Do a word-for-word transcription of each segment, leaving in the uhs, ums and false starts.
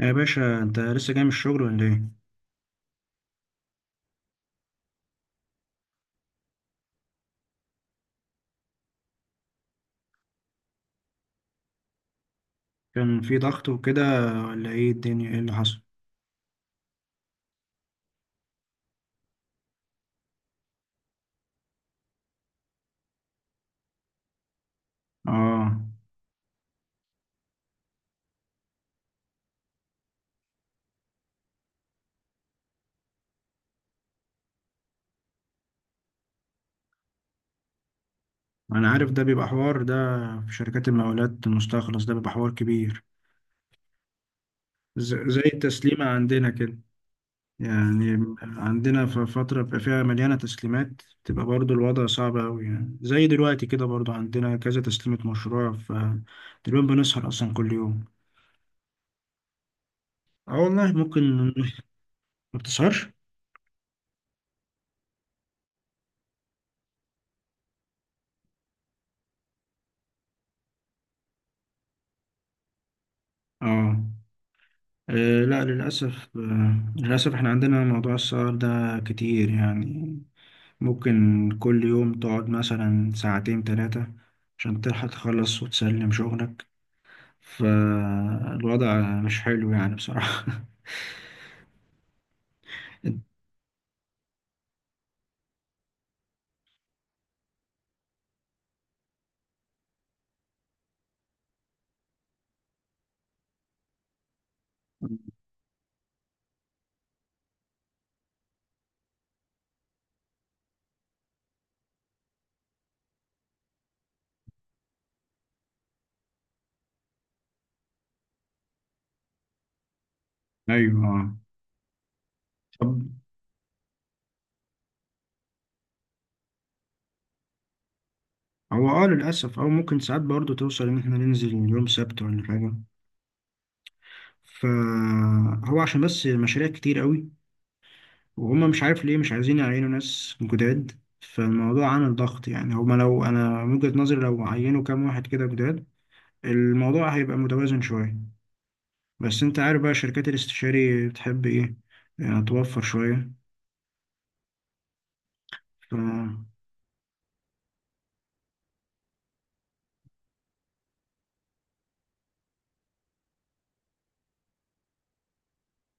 يا باشا، انت لسه جاي من الشغل ولا ايه؟ كان في ضغط وكده ولا ايه؟ الدنيا ايه اللي حصل؟ اه انا عارف ده بيبقى حوار. ده في شركات المقاولات المستخلص ده بيبقى حوار كبير. ز- زي التسليمة عندنا كده، يعني عندنا في فترة بيبقى فيها مليانة تسليمات تبقى برضو الوضع صعب أوي، يعني زي دلوقتي كده برضو عندنا كذا تسليمة مشروع، فتقريبا بنسهر أصلا كل يوم. اه والله ممكن. ما بتسهرش؟ اه. آه، لا للأسف، آه، للأسف احنا عندنا موضوع السهر ده كتير، يعني ممكن كل يوم تقعد مثلا ساعتين تلاتة عشان تلحق تخلص وتسلم شغلك. فالوضع مش حلو يعني بصراحة. أيوة. طب هو اه للأسف، أو ممكن ساعات برضه توصل إن احنا ننزل يوم سبت ولا حاجة، فهو عشان بس مشاريع كتير قوي، وهم مش عارف ليه مش عايزين يعينوا ناس جداد، فالموضوع عامل ضغط. يعني هما لو انا من وجهة نظري لو عينوا كام واحد كده جداد الموضوع هيبقى متوازن شوية. بس انت عارف بقى شركات الاستشاري بتحب ايه، يعني توفر شوية. ف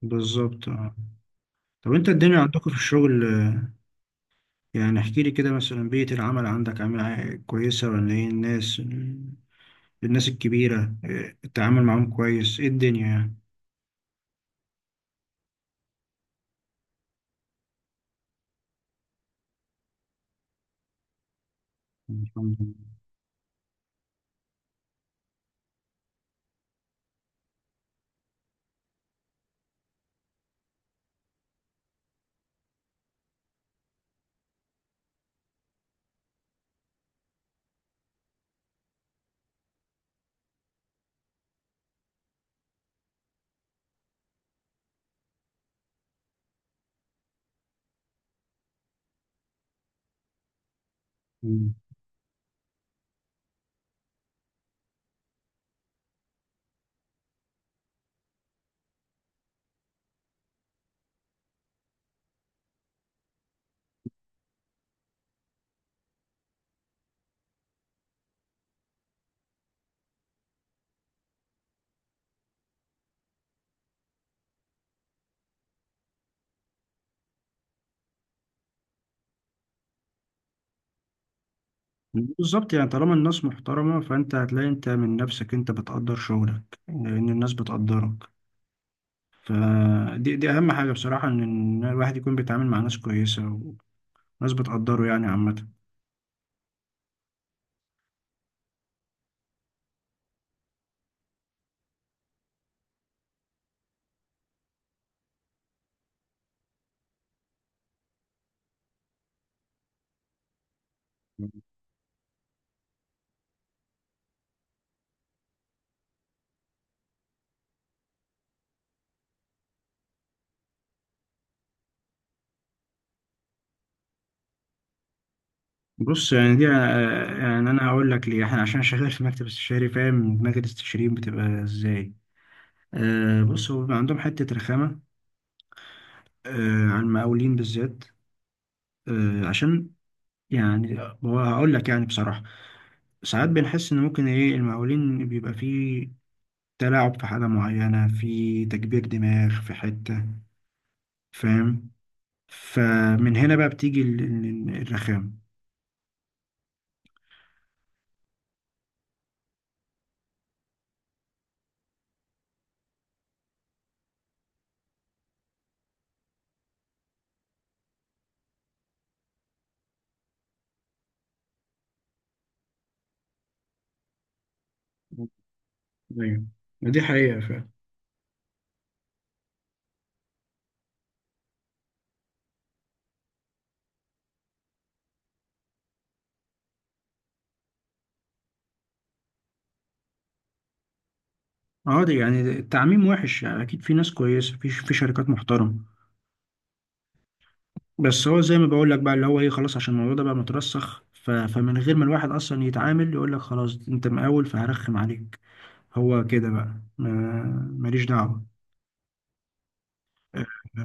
بالظبط. آه. طب انت الدنيا عندكم في الشغل آه، يعني احكي لي كده، مثلا بيئة العمل عندك عاملة كويسة ولا ايه؟ الناس، الناس الكبيرة، آه، التعامل معاهم كويس؟ ايه الدنيا يعني؟ الحمد لله. بالظبط، يعني طالما الناس محترمة فأنت هتلاقي أنت من نفسك أنت بتقدر شغلك لأن الناس بتقدرك. فدي، دي أهم حاجة بصراحة، إن إن الواحد يكون بيتعامل مع ناس كويسة وناس بتقدره يعني عامة. بص، يعني دي آه، يعني أنا هقول لك ليه. إحنا عشان شغال في مكتب استشاري فاهم دماغ الاستشاريين بتبقى إزاي. آه بص، هو بيبقى عندهم حتة رخامة، آه عن المقاولين بالذات، آه عشان يعني، هو هقول لك يعني بصراحة ساعات بنحس ان ممكن ايه المقاولين بيبقى فيه تلاعب في حالة معينة، في تكبير دماغ في حتة، فاهم؟ فمن هنا بقى بتيجي ال- ال- الرخامة. ايوه، دي حقيقة فعلا. اه ده يعني التعميم وحش، يعني اكيد في ناس كويسه في في شركات محترمه، بس هو زي ما بقول لك بقى اللي هو ايه، خلاص عشان الموضوع ده بقى مترسخ، ف- فمن غير ما الواحد اصلا يتعامل يقول لك خلاص انت مقاول فهرخم عليك. هو كده بقى ما- ماليش دعوه.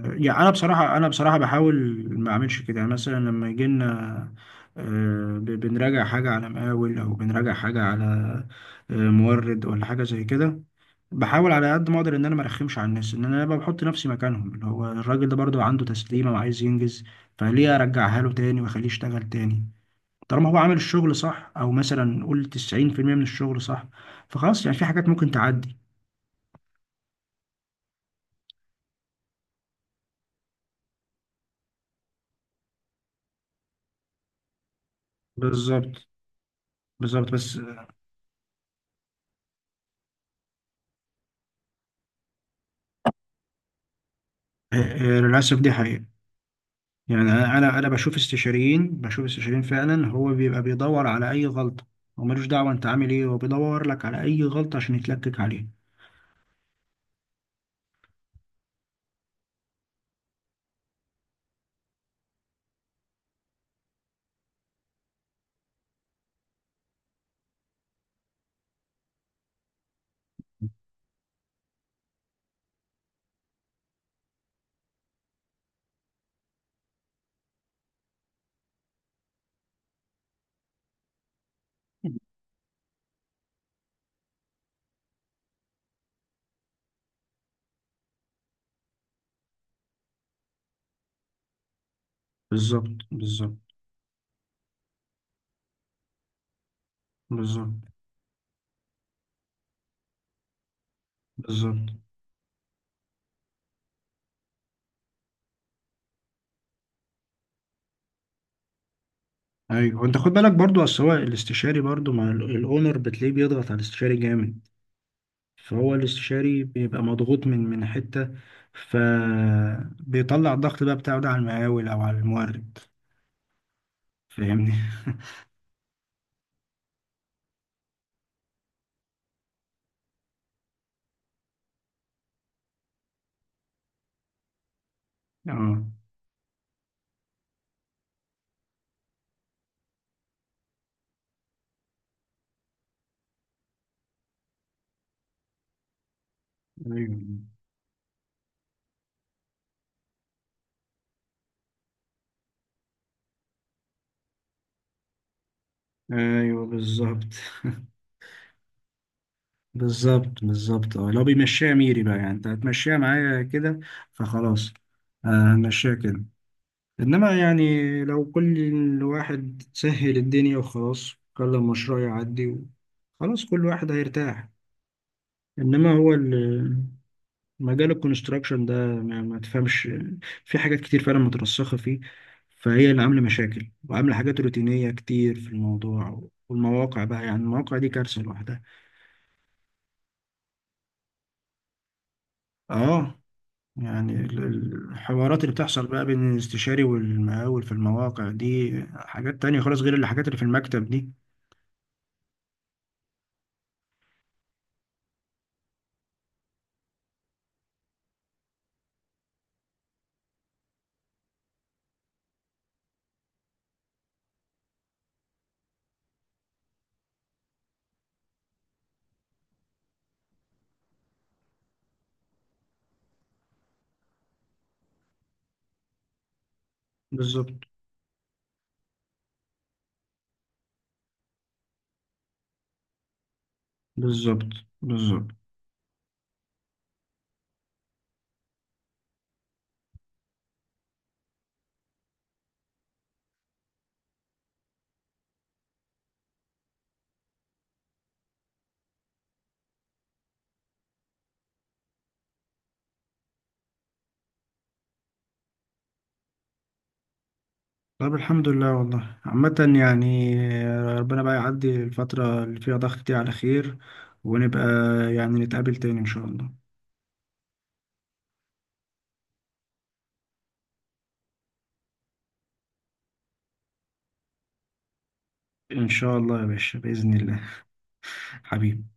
يعني انا بصراحه، انا بصراحه بحاول ما اعملش كده، يعني مثلا لما يجي لنا آه، ب- بنراجع حاجه على مقاول او بنراجع حاجه على آه، مورد ولا حاجه زي كده. بحاول على قد ما اقدر ان انا ما ارخمش على الناس، ان انا ببقى بحط نفسي مكانهم، اللي هو الراجل ده برضو عنده تسليمه وعايز ينجز، فليه ارجعها له تاني واخليه يشتغل تاني، طالما هو عامل الشغل صح، او مثلا قول تسعين في المية من الشغل صح، فخلاص يعني في حاجات ممكن تعدي. بالظبط، بالظبط، بس آه، آه، للاسف دي حقيقه. يعني انا انا أنا بشوف استشاريين، بشوف استشاريين فعلا هو بيبقى بيدور على اي غلطه، هو ملوش دعوه انت عامل ايه، هو بيدور لك على اي غلطه عشان يتلكك عليها. بالظبط، بالظبط، بالظبط، بالظبط. ايوه، وانت خد بالك برضو، اصل هو الاستشاري برضو مع ال- الاونر بتلاقيه بيضغط على الاستشاري جامد، فهو الاستشاري بيبقى مضغوط من من حته، فبيطلع الضغط بقى بتاعه ده على المقاول او على المورد. فاهمني؟ اه، ايوه، ايوه، بالظبط، بالظبط، بالظبط. اه، لو بيمشيها ميري بقى، يعني انت هتمشيها معايا كده، فخلاص. آه، هنمشيها كده. انما يعني لو كل واحد سهل الدنيا وخلاص خلى المشروع يعدي و- خلاص كل واحد هيرتاح. انما هو ال- مجال الكونستراكشن ده ما ما تفهمش. في حاجات كتير فعلا مترسخة فيه، فهي اللي عاملة مشاكل وعاملة حاجات روتينية كتير في الموضوع. والمواقع بقى، يعني المواقع دي كارثة لوحدها. اه، يعني ال- ال- الحوارات اللي بتحصل بقى بين الاستشاري والمقاول في المواقع دي حاجات تانية خالص غير الحاجات اللي في المكتب دي. بالظبط، بالظبط، بالظبط. طب الحمد لله والله عامة، يعني آه، ربنا بقى يعدي الفترة اللي فيها ضغط دي على خير، ونبقى يعني نتقابل تاني إن شاء الله. إن شاء الله يا باشا، بإذن الله. حبيبي.